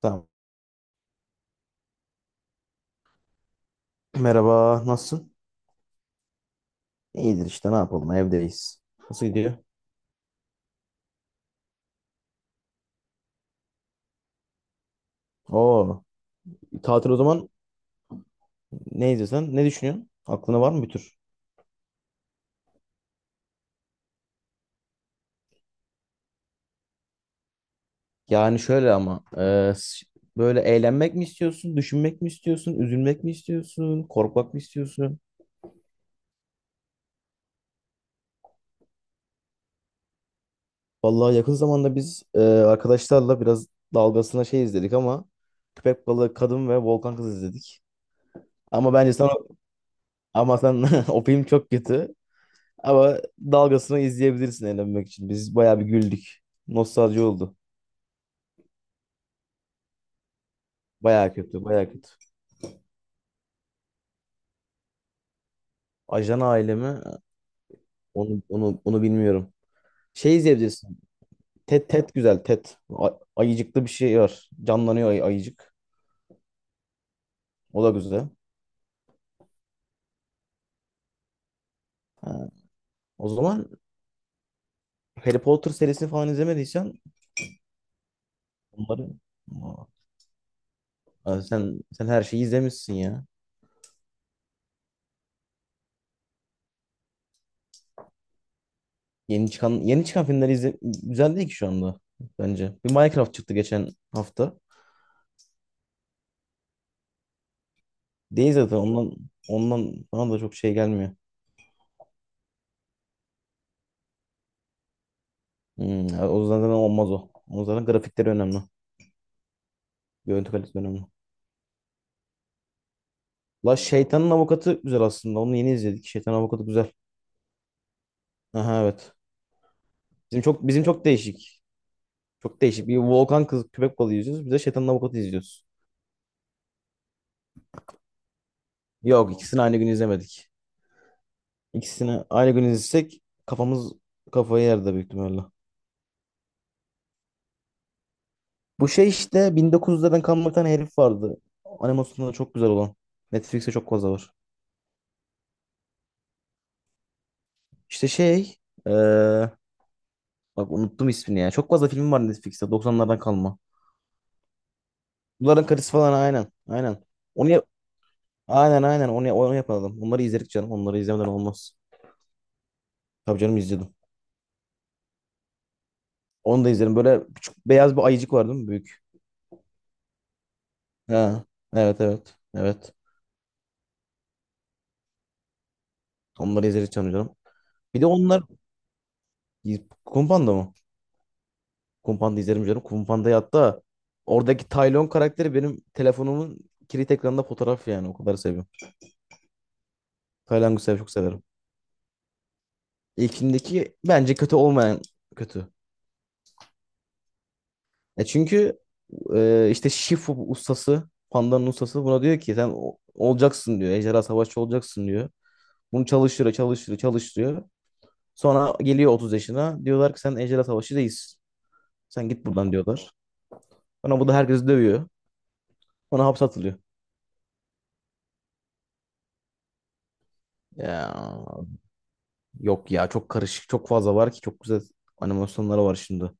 Tamam. Merhaba, nasılsın? İyidir işte, ne yapalım, evdeyiz. Nasıl gidiyor? Oo, tatil o zaman. Ne izliyorsun? Ne düşünüyorsun? Aklına var mı bir tür? Yani şöyle ama, böyle eğlenmek mi istiyorsun, düşünmek mi istiyorsun, üzülmek mi istiyorsun, korkmak mı istiyorsun? Vallahi yakın zamanda biz arkadaşlarla biraz dalgasına şey izledik ama Köpek Balığı Kadın ve Volkan Kız izledik. Ama bence sana ama sen o film çok kötü. Ama dalgasını izleyebilirsin eğlenmek için. Biz bayağı bir güldük. Nostalji oldu. Bayağı kötü, bayağı kötü. Ajan ailemi onu bilmiyorum. Şey izleyebilirsin. Ted güzel. Ted. A- ayıcıklı bir şey var. Canlanıyor ay- ayıcık. O da güzel. Ha, o zaman Harry Potter serisini falan izlemediysen onları. Aa, sen her şeyi izlemişsin ya. Yeni çıkan filmler izle, güzel değil ki şu anda bence. Bir Minecraft çıktı geçen hafta. Değil zaten, ondan bana da çok şey gelmiyor. Hmm, o yüzden zaten olmaz o. O zaten grafikleri önemli. Görüntü kalitesi önemli. La Şeytanın Avukatı güzel aslında. Onu yeni izledik. Şeytanın Avukatı güzel. Aha evet. Bizim çok değişik. Çok değişik. Bir volkan kız köpek balığı izliyoruz. Bir de Şeytanın Avukatı izliyoruz. Yok, ikisini aynı gün izlemedik. İkisini aynı gün izlesek kafamız kafayı yerde büyük ihtimalle. Bu şey işte 1900'lerden kalma bir tane herif vardı. Animasyonları çok güzel olan. Netflix'te çok fazla var. İşte şey ee, Bak unuttum ismini ya. Çok fazla film var Netflix'te doksanlardan kalma. Bunların karısı falan aynen. Aynen. Onu yap aynen aynen onu, onu yapalım. Onları izledik canım. Onları izlemeden olmaz. Tabii canım, izledim. Onu da izlerim. Böyle küçük beyaz bir ayıcık var değil mi? Büyük. Ha. Evet evet. Evet. Onları izledik canım canım. Bir de onlar. Kumpanda mı? Kumpanda izlerim canım. Kumpanda'yı hatta oradaki Taylon karakteri benim telefonumun kilit ekranında fotoğraf yani. O kadar seviyorum. Tayland'ı sev, çok severim. İlkindeki bence kötü olmayan kötü. Çünkü işte Shifu ustası, pandanın ustası buna diyor ki sen o- olacaksın diyor. Ejderha savaşçı olacaksın diyor. Bunu çalıştırıyor. Sonra geliyor 30 yaşına. Diyorlar ki sen ejderha savaşçı değilsin. Sen git buradan diyorlar. Sonra bu da herkesi dövüyor. Sonra hapse atılıyor. Ya yok ya, çok karışık, çok fazla var ki çok güzel animasyonları var şimdi.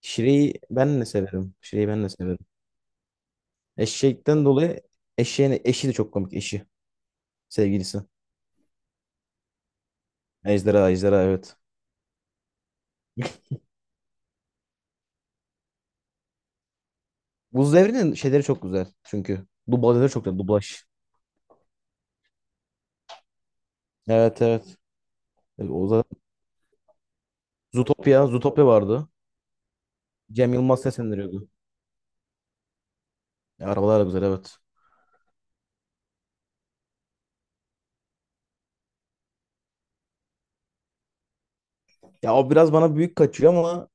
Şire'yi ben de severim. Eşekten dolayı eşeğin eşi de çok komik, eşi. Sevgilisi. Ejderha evet. Buz Devri'nin şeyleri çok güzel çünkü. Dublajları çok güzel. Dublaj. Evet evet. O zaten. Zootopia vardı. Cem Yılmaz seslendiriyordu. Ya, arabalar da güzel evet. Ya o biraz bana büyük kaçıyor ama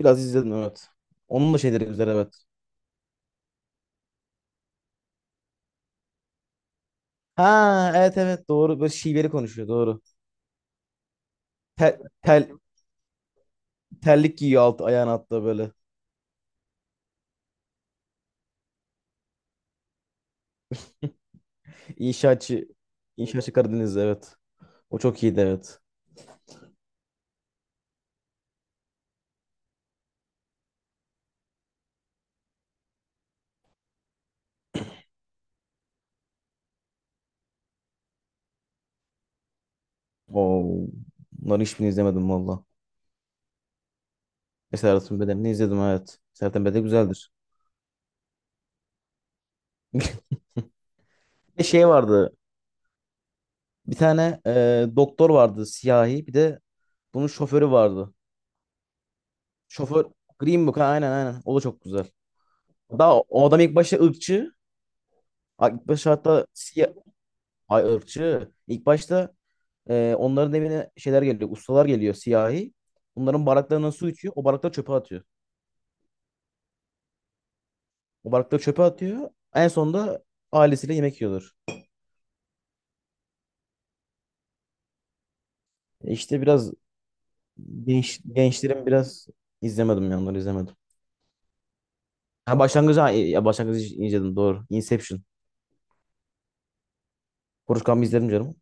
biraz izledim evet. Onun da şeyleri güzel evet. Ha evet evet doğru. Böyle şiveli konuşuyor, doğru. Tel, tel, terlik giyiyor alt, ayağın altta böyle. İnşaatçı, inşaatçı Karadeniz'de, evet. O çok iyiydi evet. Oo, bunların hiçbirini izlemedim valla. Esaretin Bedeni'ni izledim evet. Esaretin Bedeni güzeldir. Bir şey vardı. Bir tane doktor vardı siyahi. Bir de bunun şoförü vardı. Şoför Green Book. Ha, aynen aynen. O da çok güzel. Daha o adam ilk başta ırkçı. Ha, İlk başta hatta siyah. Ay ırkçı. İlk başta onların evine şeyler geliyor. Ustalar geliyor siyahi. Bunların baraklarından su içiyor. O barakları çöpe atıyor. O barakları çöpe atıyor. En sonunda ailesiyle yemek yiyorlar. İşte biraz gençlerin biraz izlemedim ya, onları izlemedim. Ha başlangıcı, ha, ya başlangıcı izledim, doğru. Inception. Forrest Gump'ı izledim canım.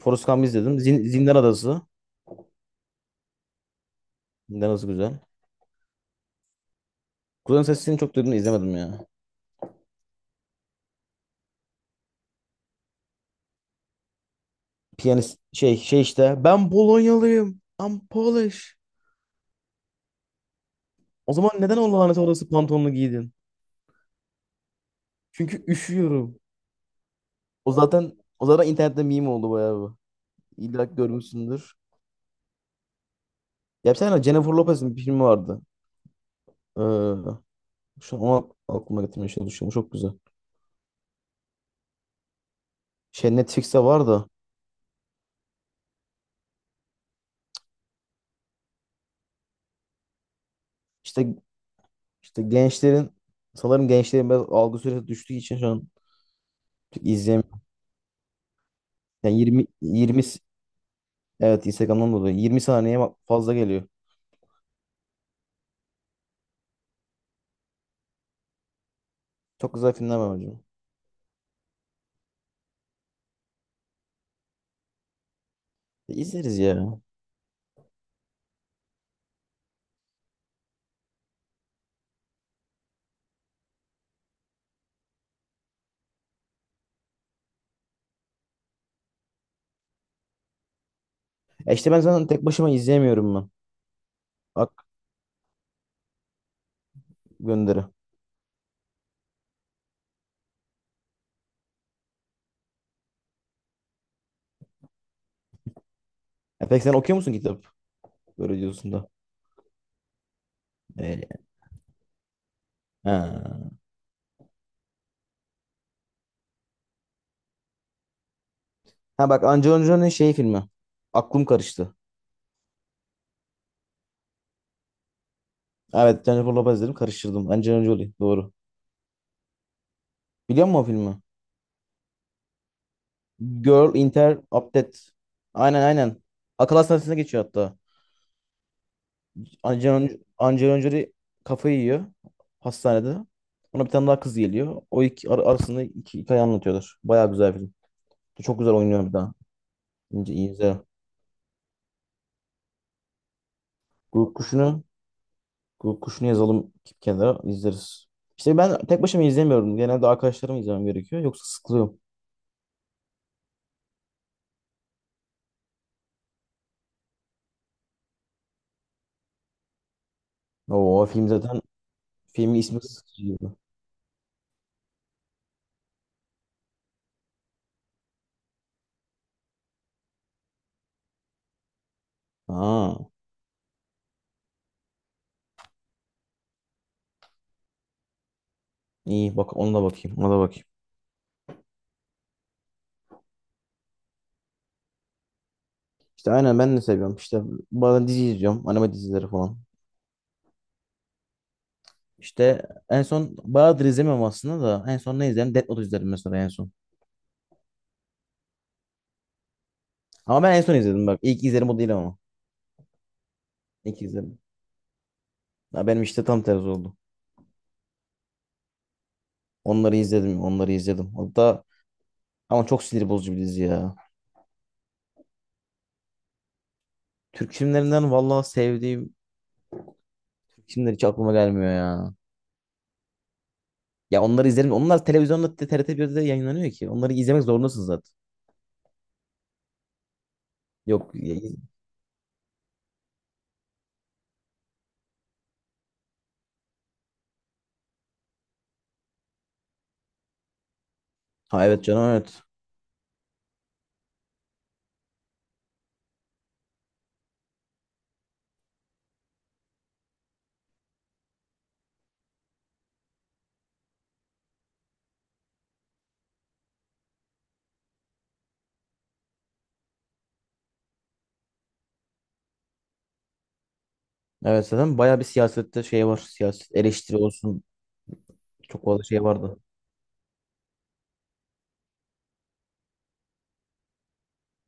Forrest Gump'ı izledim. Zindan Adası. Zindan Adası güzel. Kur'an Sesini çok duydum da izlemedim ya. Piyanist işte. Ben Polonyalıyım. I'm Polish. O zaman neden o lanet orası pantolonunu giydin? Çünkü üşüyorum. O zaten o zaten internette meme oldu bayağı bu. İlla ki görmüşsündür. Ya bir tane Jennifer Lopez'in bir filmi vardı. Ee, Şu an onu aklıma getirmeye çalışıyorum. Çok güzel. Şey Netflix'te var da işte gençlerin, sanırım gençlerin biraz algı süresi düştüğü için şu an pek İzleyemiyorum Yani 20 20 evet, Instagram'dan dolayı yirmi saniye fazla geliyor. Çok güzel filmler var hocam. İzleriz ya. İşte ben zaten tek başıma izleyemiyorum ben. Bak gönderi. E peki sen okuyor musun kitap? Böyle diyorsun da. E, ha. Ha bak, Angelina Jolie'nin şey filmi. Aklım karıştı. Evet, Jennifer Lopez dedim, karıştırdım. Angelina Jolie doğru. Biliyor musun o filmi? Girl Inter Update. Aynen aynen. Akıl hastanesine geçiyor hatta. Angelina Angelina Jolie kafayı yiyor hastanede. Ona bir tane daha kız geliyor. O iki arasında iki hikaye anlatıyorlar. Bayağı güzel film. Çok güzel oynuyor bir daha. İnce, iyi, güzel. Guguk Kuşu'nu Guguk Kuşu'nu yazalım bir kenara, izleriz. İşte ben tek başıma izlemiyorum. Genelde arkadaşlarımla izlemem gerekiyor. Yoksa sıkılıyorum. Oo film zaten, filmin ismi sıkıcı gibi. Aa, iyi, bak ona da bakayım. Ona da bakayım. İşte aynen, ben de seviyorum. İşte bazen dizi izliyorum. Anime dizileri falan. İşte en son bayağıdır izlemiyorum aslında da. En son ne izledim? Death Note izledim mesela en son. Ama ben en son izledim bak. İlk izlerim o değil ama. İlk izledim. Ya benim işte tam tersi oldu. Onları izledim, onları izledim. Hatta ama çok sinir bozucu bir dizi ya. Türk filmlerinden vallahi sevdiğim Türk filmler hiç aklıma gelmiyor ya. Ya onları izlerim. Onlar televizyonda TRT1'de yayınlanıyor ki. Onları izlemek zorundasın zaten. Yok. ya-. Ha evet canım, evet. Evet zaten bayağı bir siyasette şey var. Siyaset eleştiri olsun. Çok fazla şey vardı.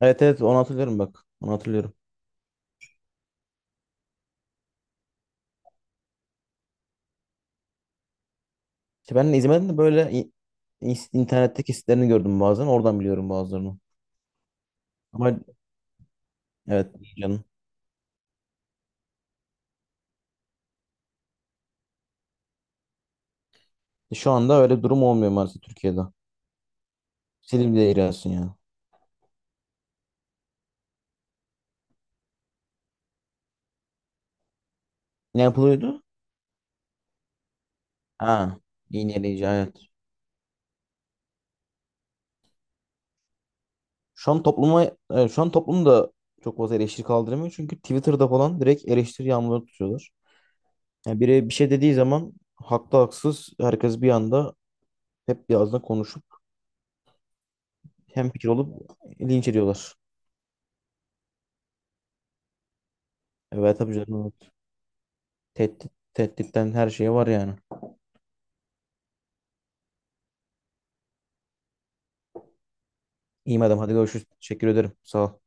Evet evet onu hatırlıyorum bak. Onu hatırlıyorum. İşte ben de izlemedim de böyle internetteki sitelerini gördüm bazen. Oradan biliyorum bazılarını. Ama evet canım. Şu anda öyle bir durum olmuyor maalesef Türkiye'de. Silip de ilerliyorsun yani. Ne yapılıyordu? Ha. İğneleyici evet. Şu an topluma, evet, şu an toplum da çok fazla eleştiri kaldıramıyor. Çünkü Twitter'da falan direkt eleştiri yağmurları tutuyorlar. Yani biri bir şey dediği zaman haklı haksız herkes bir anda hep bir ağızdan konuşup hem fikir olup linç ediyorlar. Evet tabii canım, evet. Tehditten her şeye var yani. İyi madem, hadi görüşürüz. Teşekkür ederim. Sağ ol.